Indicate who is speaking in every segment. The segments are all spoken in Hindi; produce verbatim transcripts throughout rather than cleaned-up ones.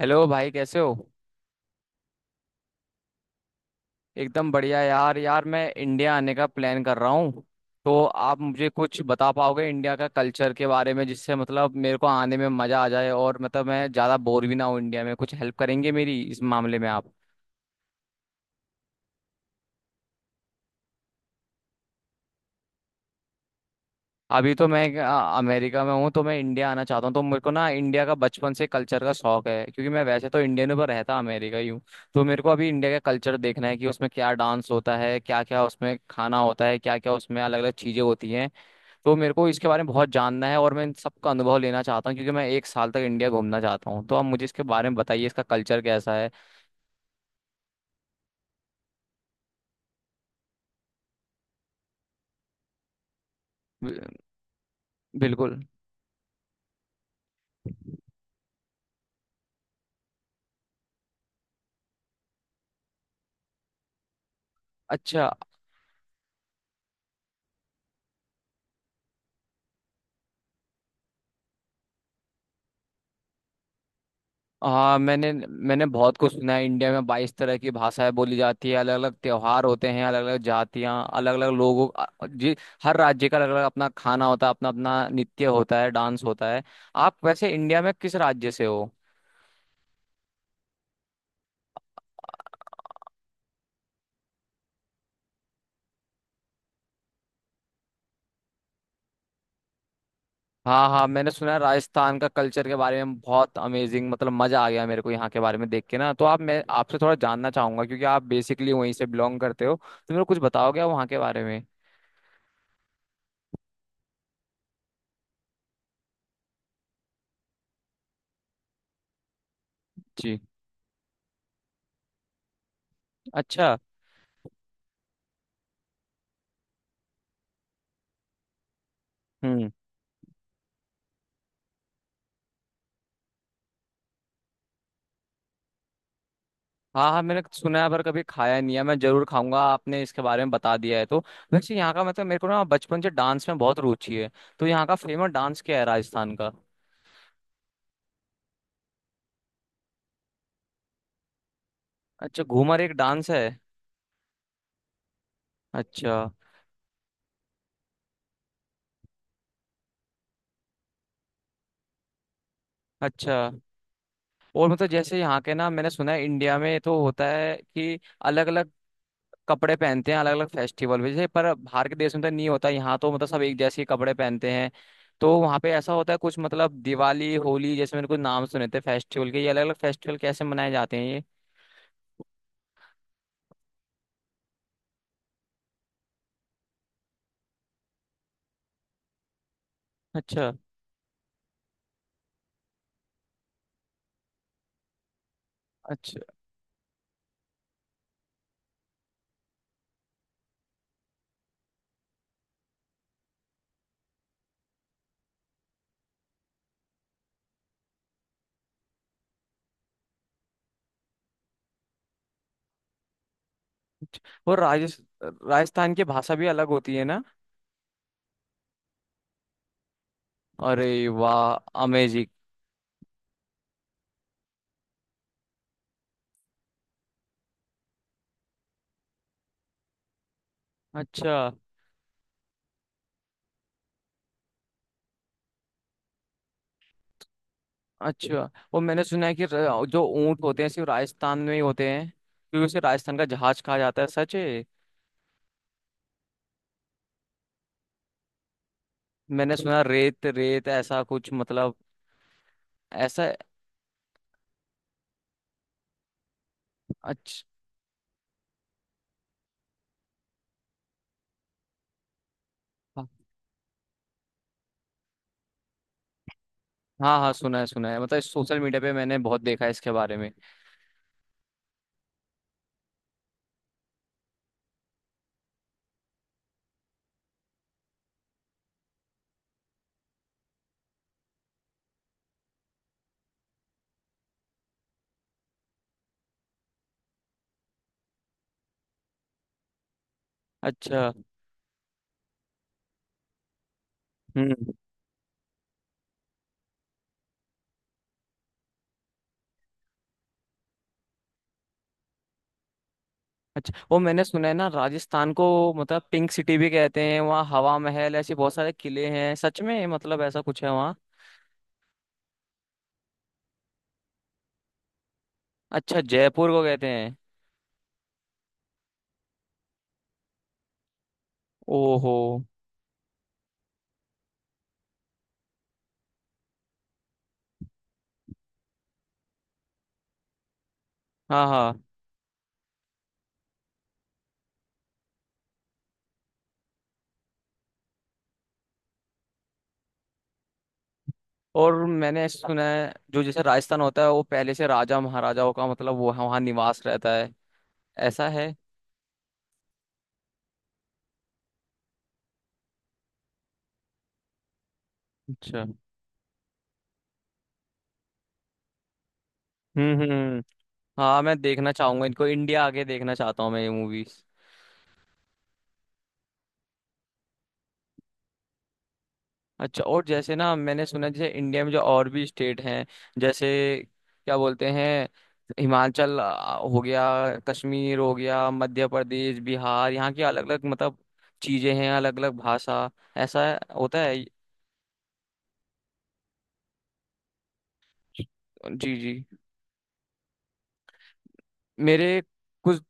Speaker 1: हेलो भाई कैसे हो। एकदम बढ़िया यार यार। मैं इंडिया आने का प्लान कर रहा हूँ। तो आप मुझे कुछ बता पाओगे इंडिया का कल्चर के बारे में, जिससे मतलब मेरे को आने में मज़ा आ जाए और मतलब मैं ज़्यादा बोर भी ना हो इंडिया में। कुछ हेल्प करेंगे मेरी इस मामले में आप? अभी तो मैं अ, अमेरिका में हूँ। तो मैं इंडिया आना चाहता हूँ। तो मेरे को ना इंडिया का बचपन से कल्चर का शौक है, क्योंकि मैं वैसे तो इंडियन हूँ पर रहता अमेरिका ही हूँ। तो मेरे को अभी इंडिया का कल्चर देखना है कि उसमें क्या डांस होता है, क्या क्या उसमें खाना होता है, क्या क्या उसमें अलग अलग चीज़ें होती हैं। तो मेरे को इसके बारे में बहुत जानना है और मैं इन सबका अनुभव लेना चाहता हूँ, क्योंकि मैं एक साल तक इंडिया घूमना चाहता हूँ। तो आप मुझे इसके बारे में बताइए, इसका कल्चर कैसा है। बिल- बिल्कुल। अच्छा। हाँ, मैंने मैंने बहुत कुछ सुना है। इंडिया में बाईस तरह की भाषाएं बोली जाती है, अलग अलग त्योहार होते हैं, अलग अलग जातियाँ, अलग अलग लोगों अ- जी। हर राज्य का अलग अलग अपना खाना होता है, अपना अपना नृत्य होता है, डांस होता है। आप वैसे इंडिया में किस राज्य से हो? हाँ हाँ, मैंने सुना है राजस्थान का कल्चर के बारे में बहुत अमेजिंग। मतलब मजा आ गया मेरे को यहाँ के बारे में देख के ना। तो आप मैं आपसे थोड़ा जानना चाहूंगा, क्योंकि आप बेसिकली वहीं से बिलोंग करते हो। तो मेरे को कुछ बताओगे आप वहाँ के बारे में? जी। अच्छा। हम्म। हाँ हाँ, मैंने सुना है पर कभी खाया नहीं है। मैं जरूर खाऊंगा, आपने इसके बारे में बता दिया है तो। वैसे यहाँ का मतलब मेरे को ना बचपन से डांस में बहुत रुचि है। तो यहाँ का फेमस डांस क्या है राजस्थान का? अच्छा, घूमर एक डांस है। अच्छा। अच्छा। और मतलब जैसे यहाँ के ना मैंने सुना है इंडिया में तो होता है कि अलग अलग कपड़े पहनते हैं अलग अलग फेस्टिवल में। जैसे पर बाहर के देश में तो नहीं होता, यहाँ तो मतलब सब एक जैसे ही कपड़े पहनते हैं। तो वहाँ पे ऐसा होता है कुछ मतलब दिवाली होली जैसे मैंने कुछ नाम सुने थे फेस्टिवल के। ये अलग अलग फेस्टिवल कैसे मनाए जाते हैं ये? अच्छा। अच्छा। अच्छा और राजस- राजस्थान की भाषा भी अलग होती है ना? अरे वाह, अमेजिंग। अच्छा। अच्छा। वो मैंने सुना है कि र- जो ऊंट होते हैं सिर्फ राजस्थान में ही होते हैं, क्योंकि उसे राजस्थान का जहाज कहा जाता है, सच है? मैंने सुना रेत रेत ऐसा कुछ मतलब। ऐसा। अच्छा। हाँ हाँ हाँ, सुना है सुना है। मतलब सोशल मीडिया पे मैंने बहुत देखा है इसके बारे में। अच्छा। हम्म। अच्छा। वो मैंने सुना है ना राजस्थान को मतलब पिंक सिटी भी कहते हैं। वहाँ हवा महल ऐसे बहुत सारे किले हैं, सच में मतलब ऐसा कुछ है वहाँ? अच्छा, जयपुर को कहते हैं। ओहो। हाँ हाँ। और मैंने सुना है जो जैसे राजस्थान होता है वो पहले से राजा महाराजाओं का मतलब वो वहाँ निवास रहता है, ऐसा है? अच्छा। हम्म हम्म। हाँ मैं देखना चाहूंगा इनको। इंडिया आगे देखना चाहता हूँ मैं ये मूवीज। अच्छा और जैसे ना मैंने सुना जैसे इंडिया में जो और भी स्टेट हैं जैसे, क्या बोलते हैं, हिमाचल आ, हो गया, कश्मीर हो गया, मध्य प्रदेश, बिहार, यहाँ की अलग अलग मतलब चीजें हैं, अलग अलग भाषा, ऐसा होता है? जी। जी। मेरे कुछ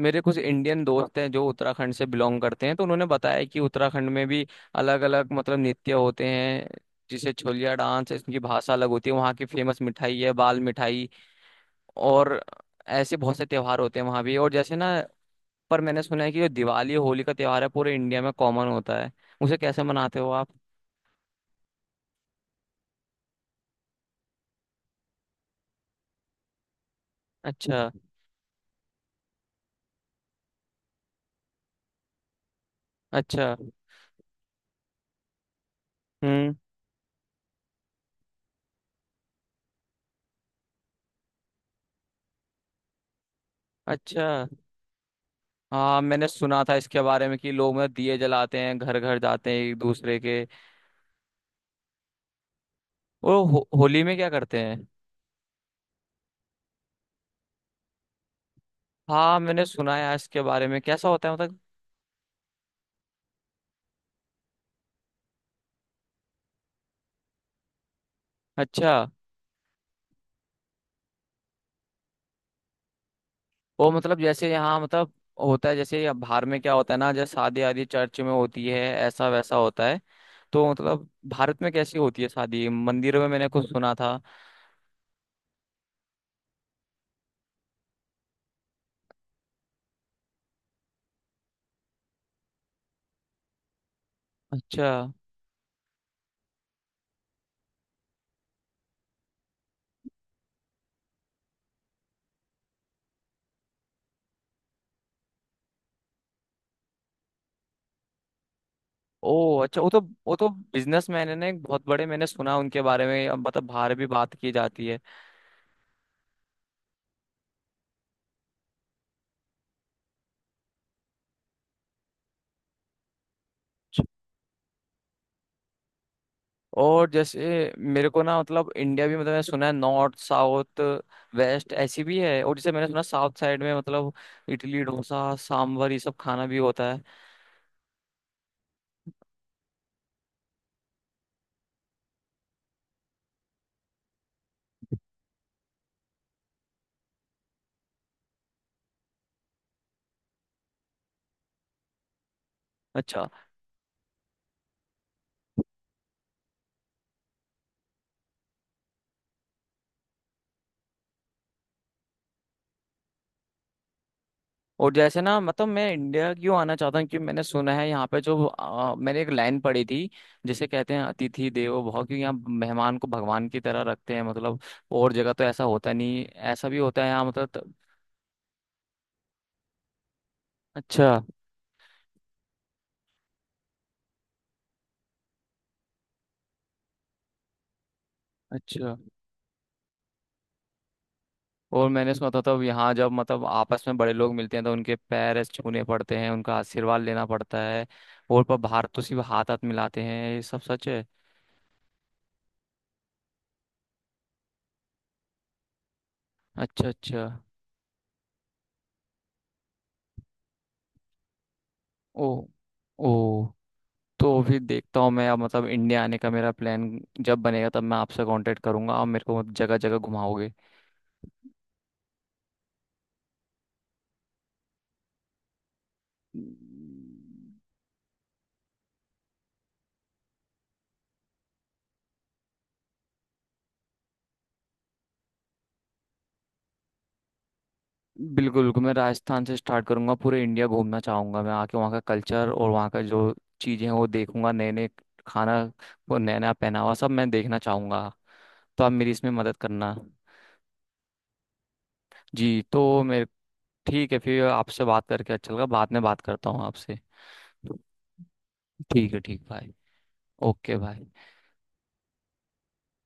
Speaker 1: मेरे कुछ इंडियन दोस्त हैं जो उत्तराखंड से बिलोंग करते हैं, तो उन्होंने बताया कि उत्तराखंड में भी अलग अलग मतलब नृत्य होते हैं, जिसे छोलिया डांस है। इसकी भाषा अलग होती है, वहाँ की फेमस मिठाई है बाल मिठाई, और ऐसे बहुत से त्योहार होते हैं वहाँ भी। और जैसे ना पर मैंने सुना है कि जो दिवाली होली का त्योहार है पूरे इंडिया में कॉमन होता है, उसे कैसे मनाते हो आप? अच्छा। अच्छा। हम्म। अच्छा। हाँ मैंने सुना था इसके बारे में कि लोग मतलब दिए जलाते हैं, घर घर जाते हैं एक दूसरे के। वो हो, होली में क्या करते हैं? हाँ मैंने सुना है इसके बारे में। कैसा होता है मतलब? अच्छा। वो मतलब जैसे यहाँ मतलब होता है, जैसे यहाँ बाहर में क्या होता है ना जैसे शादी आदि चर्च में होती है, ऐसा वैसा होता है। तो मतलब भारत में कैसी होती है शादी? मंदिरों में मैंने कुछ सुना था। अच्छा। ओ अच्छा, वो तो। वो तो बिजनेस मैन है ना एक बहुत बड़े, मैंने सुना उनके बारे में, अब मतलब बाहर भी बात की जाती है। और जैसे मेरे को ना मतलब इंडिया भी मतलब मैंने सुना है नॉर्थ साउथ वेस्ट ऐसी भी है, और जैसे मैंने सुना साउथ साइड में मतलब इडली डोसा सांभर ये सब खाना भी होता है। अच्छा। और जैसे ना मतलब मैं इंडिया क्यों आना चाहता हूँ क्योंकि मैंने सुना है यहाँ पे जो अ, मैंने एक लाइन पढ़ी थी, जिसे कहते हैं अतिथि देवो भव, क्योंकि यहाँ मेहमान को भगवान की तरह रखते हैं। मतलब और जगह तो ऐसा होता नहीं, ऐसा भी होता है यहाँ मतलब। त- अच्छा। अच्छा। और मैंने सुना था तब, यहाँ जब मतलब आपस में बड़े लोग मिलते हैं तो उनके पैर ऐसे छूने पड़ते हैं, उनका आशीर्वाद लेना पड़ता है, और पर बाहर तो सिर्फ हाथ हाथ मिलाते हैं, ये सब सच है? अच्छा अच्छा। ओ। ओ। तो फिर देखता हूँ मैं। अब मतलब इंडिया आने का मेरा प्लान जब बनेगा तब मैं आपसे कांटेक्ट करूंगा। आप मेरे को जगह जगह घुमाओगे? बिल्कुल बिल्कुल, मैं राजस्थान से स्टार्ट करूंगा, पूरे इंडिया घूमना चाहूंगा मैं। आके वहाँ का कल्चर और वहाँ का जो चीज़ें हैं वो देखूंगा, नए नए खाना, वो नया नया पहनावा, सब मैं देखना चाहूंगा। तो आप मेरी इसमें मदद करना। जी। तो मेरे ठीक है, फिर आपसे बात करके अच्छा लगा, बाद में बात करता हूँ आपसे। ठीक है, ठीक भाई। ओके भाई।